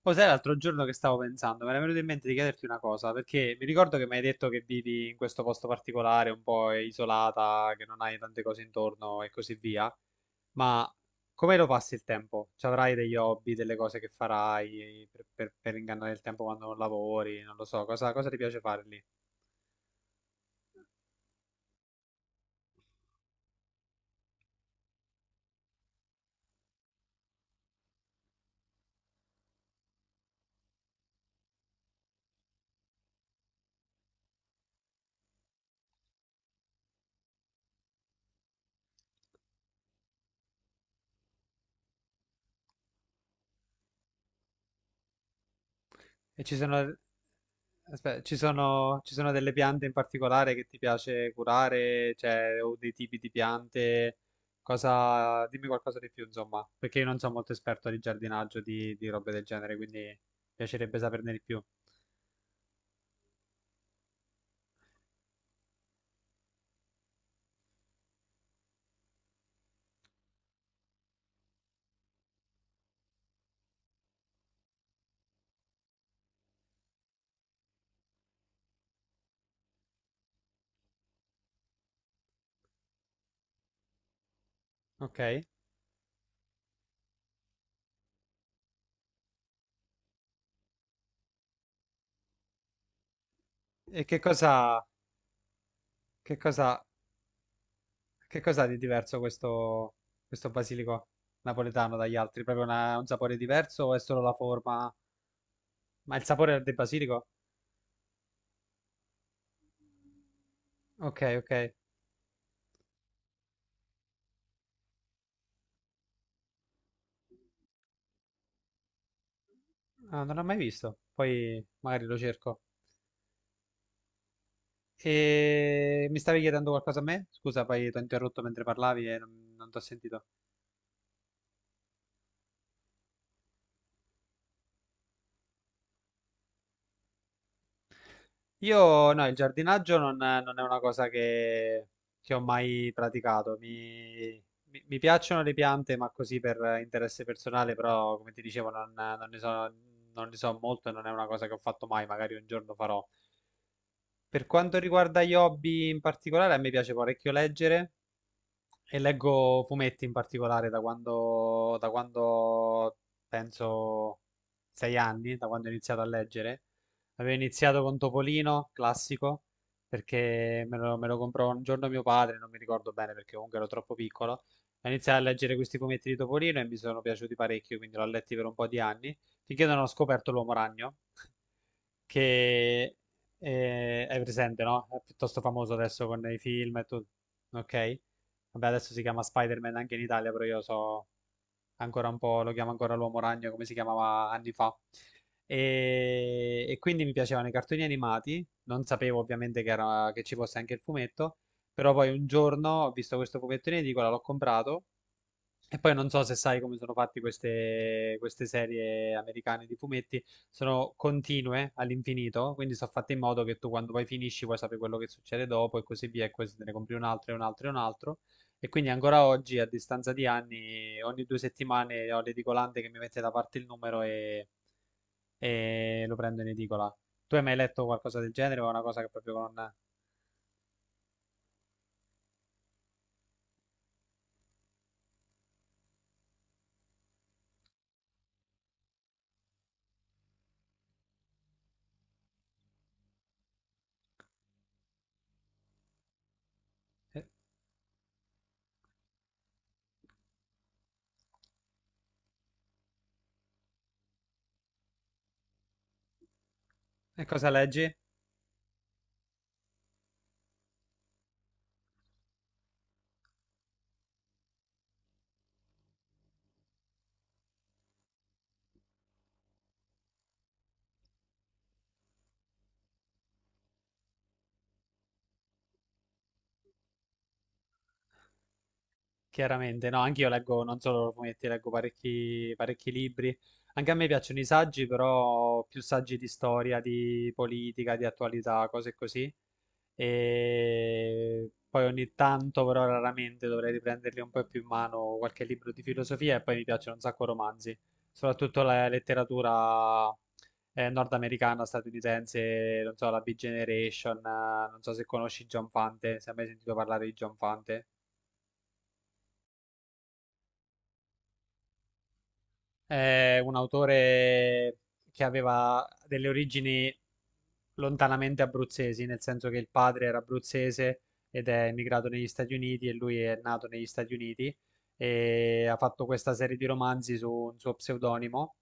Poi sai, l'altro giorno che stavo pensando, mi era venuto in mente di chiederti una cosa, perché mi ricordo che mi hai detto che vivi in questo posto particolare, un po' isolata, che non hai tante cose intorno e così via, ma come lo passi il tempo? Ci avrai degli hobby, delle cose che farai per ingannare il tempo quando non lavori, non lo so, cosa ti piace fare lì? E ci sono, aspetta, ci sono delle piante in particolare che ti piace curare, cioè, o dei tipi di piante, cosa, dimmi qualcosa di più, insomma, perché io non sono molto esperto di giardinaggio, di robe del genere, quindi mi piacerebbe saperne di più. Ok? E che cosa, che cosa, che cosa ha di diverso questo basilico napoletano dagli altri? Proprio un sapore diverso o è solo la forma? Ma il sapore del basilico? Ok, ok. Ah, non l'ho mai visto, poi magari lo cerco. E mi stavi chiedendo qualcosa a me? Scusa, poi ti ho interrotto mentre parlavi e non ti ho sentito. Io, no, il giardinaggio non è una cosa che ho mai praticato. Mi piacciono le piante, ma così per interesse personale, però come ti dicevo non ne so, non ne so molto e non è una cosa che ho fatto mai, magari un giorno farò. Per quanto riguarda gli hobby in particolare, a me piace parecchio leggere. E leggo fumetti in particolare da quando penso sei anni, da quando ho iniziato a leggere. Avevo iniziato con Topolino, classico, perché me lo comprò un giorno mio padre, non mi ricordo bene perché comunque ero troppo piccolo. Ho iniziato a leggere questi fumetti di Topolino e mi sono piaciuti parecchio, quindi l'ho letti per un po' di anni, finché non ho scoperto l'Uomo Ragno, che è presente, no? È piuttosto famoso adesso con i film e tutto. Ok? Vabbè, adesso si chiama Spider-Man anche in Italia, però io so ancora un po', lo chiamo ancora l'Uomo Ragno come si chiamava anni fa. E quindi mi piacevano i cartoni animati, non sapevo ovviamente che ci fosse anche il fumetto, però poi un giorno ho visto questo fumetto in edicola, l'ho comprato e poi non so se sai come sono fatte queste serie americane di fumetti, sono continue all'infinito, quindi sono fatte in modo che tu quando poi finisci puoi sapere quello che succede dopo e così via, e questo te ne compri un altro e un altro e un altro. E quindi ancora oggi, a distanza di anni, ogni due settimane ho l'edicolante che mi mette da parte il numero e lo prendo in edicola. Tu hai mai letto qualcosa del genere o è una cosa che proprio non... E e cosa leggi? Chiaramente, no, anche io leggo, non solo fumetti, leggo parecchi libri. Anche a me piacciono i saggi, però più saggi di storia, di politica, di attualità, cose così. E poi ogni tanto, però raramente, dovrei riprenderli un po' più in mano qualche libro di filosofia e poi mi piacciono un sacco romanzi, soprattutto la letteratura nordamericana, statunitense, non so, la Big Generation, non so se conosci John Fante, se hai mai sentito parlare di John Fante. È un autore che aveva delle origini lontanamente abruzzesi, nel senso che il padre era abruzzese ed è emigrato negli Stati Uniti e lui è nato negli Stati Uniti e ha fatto questa serie di romanzi su un suo pseudonimo,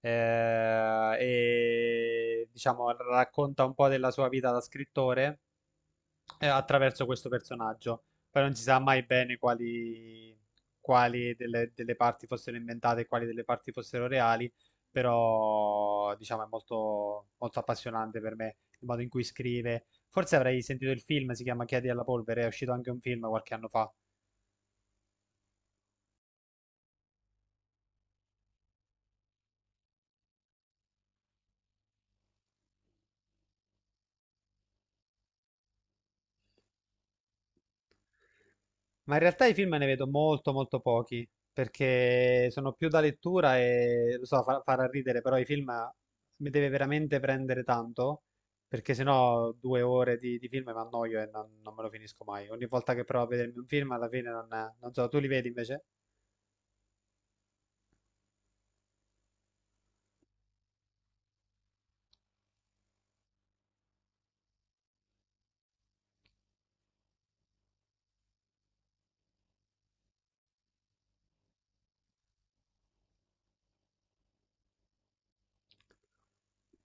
e diciamo racconta un po' della sua vita da scrittore attraverso questo personaggio. Però non si sa mai bene quali delle parti fossero inventate e quali delle parti fossero reali. Però, diciamo, è molto appassionante per me il modo in cui scrive. Forse avrei sentito il film, si chiama Chiedi alla polvere, è uscito anche un film qualche anno fa. Ma in realtà i film ne vedo molto molto pochi, perché sono più da lettura e lo so, farà ridere, però i film mi deve veramente prendere tanto, perché sennò due ore di film mi annoio e non me lo finisco mai. Ogni volta che provo a vedermi un film, alla fine non, non so, tu li vedi invece?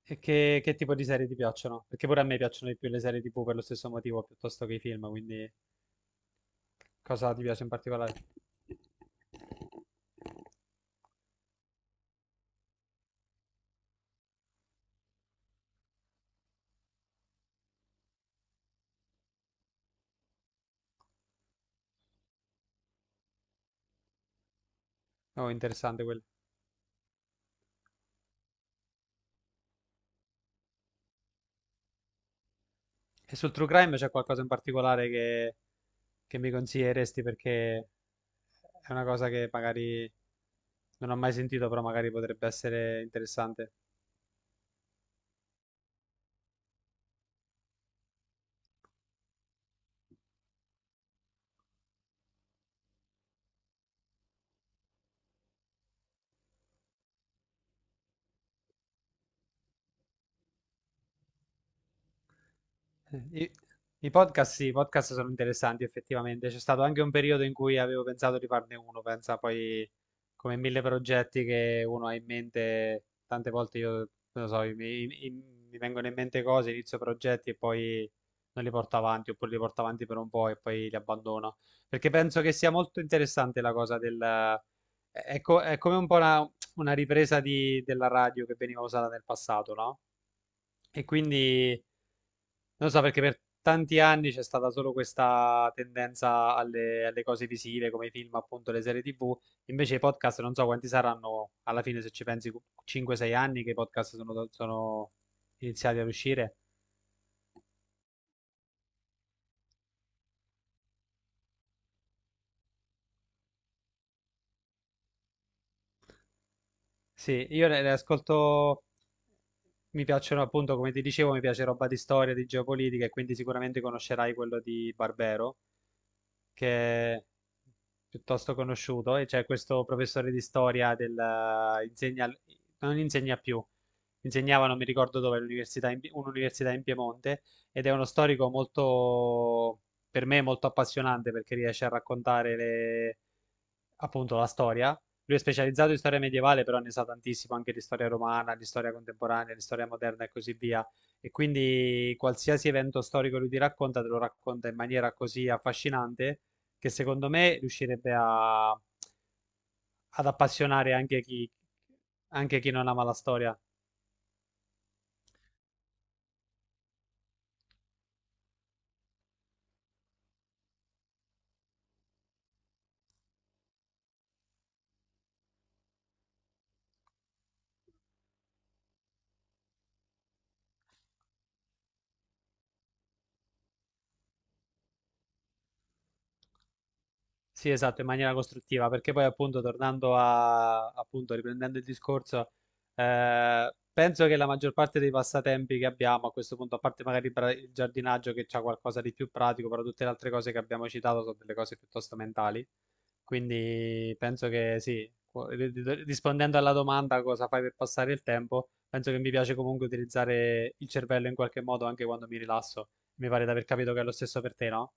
E che tipo di serie ti piacciono? Perché pure a me piacciono di più le serie TV per lo stesso motivo, piuttosto che i film, quindi cosa ti piace in particolare? Oh, interessante quello. E sul True Crime c'è qualcosa in particolare che mi consiglieresti perché è una cosa che magari non ho mai sentito, però magari potrebbe essere interessante. I, i podcast sono interessanti effettivamente. C'è stato anche un periodo in cui avevo pensato di farne uno, pensa poi come mille progetti che uno ha in mente, tante volte io, non lo so, mi vengono in mente cose, inizio progetti e poi non li porto avanti, oppure li porto avanti per un po' e poi li abbandono. Perché penso che sia molto interessante la cosa del... È, è come un po' una ripresa della radio che veniva usata nel passato, no? E quindi... Non so perché per tanti anni c'è stata solo questa tendenza alle cose visive come i film, appunto le serie TV. Invece i podcast non so quanti saranno alla fine, se ci pensi, 5-6 anni che i podcast sono iniziati ad uscire. Sì, io ne ascolto, mi piacciono appunto, come ti dicevo, mi piace roba di storia, di geopolitica e quindi sicuramente conoscerai quello di Barbero, che è piuttosto conosciuto, e c'è questo professore di storia del, insegna, non insegna più, insegnava, non mi ricordo dove, all'università un'università in Piemonte, ed è uno storico per me, molto appassionante perché riesce a raccontare appunto la storia. Lui è specializzato in storia medievale, però ne sa tantissimo anche di storia romana, di storia contemporanea, di storia moderna e così via. E quindi qualsiasi evento storico lui ti racconta, te lo racconta in maniera così affascinante che secondo me riuscirebbe ad appassionare anche chi non ama la storia. Sì, esatto, in maniera costruttiva, perché poi appunto tornando a, appunto riprendendo il discorso, penso che la maggior parte dei passatempi che abbiamo a questo punto, a parte magari il giardinaggio che c'ha qualcosa di più pratico, però tutte le altre cose che abbiamo citato sono delle cose piuttosto mentali, quindi penso che sì, rispondendo alla domanda cosa fai per passare il tempo, penso che mi piace comunque utilizzare il cervello in qualche modo anche quando mi rilasso, mi pare di aver capito che è lo stesso per te, no?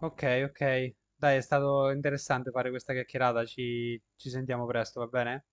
Ok, ok. Dai, è stato interessante fare questa chiacchierata. Ci sentiamo presto, va bene?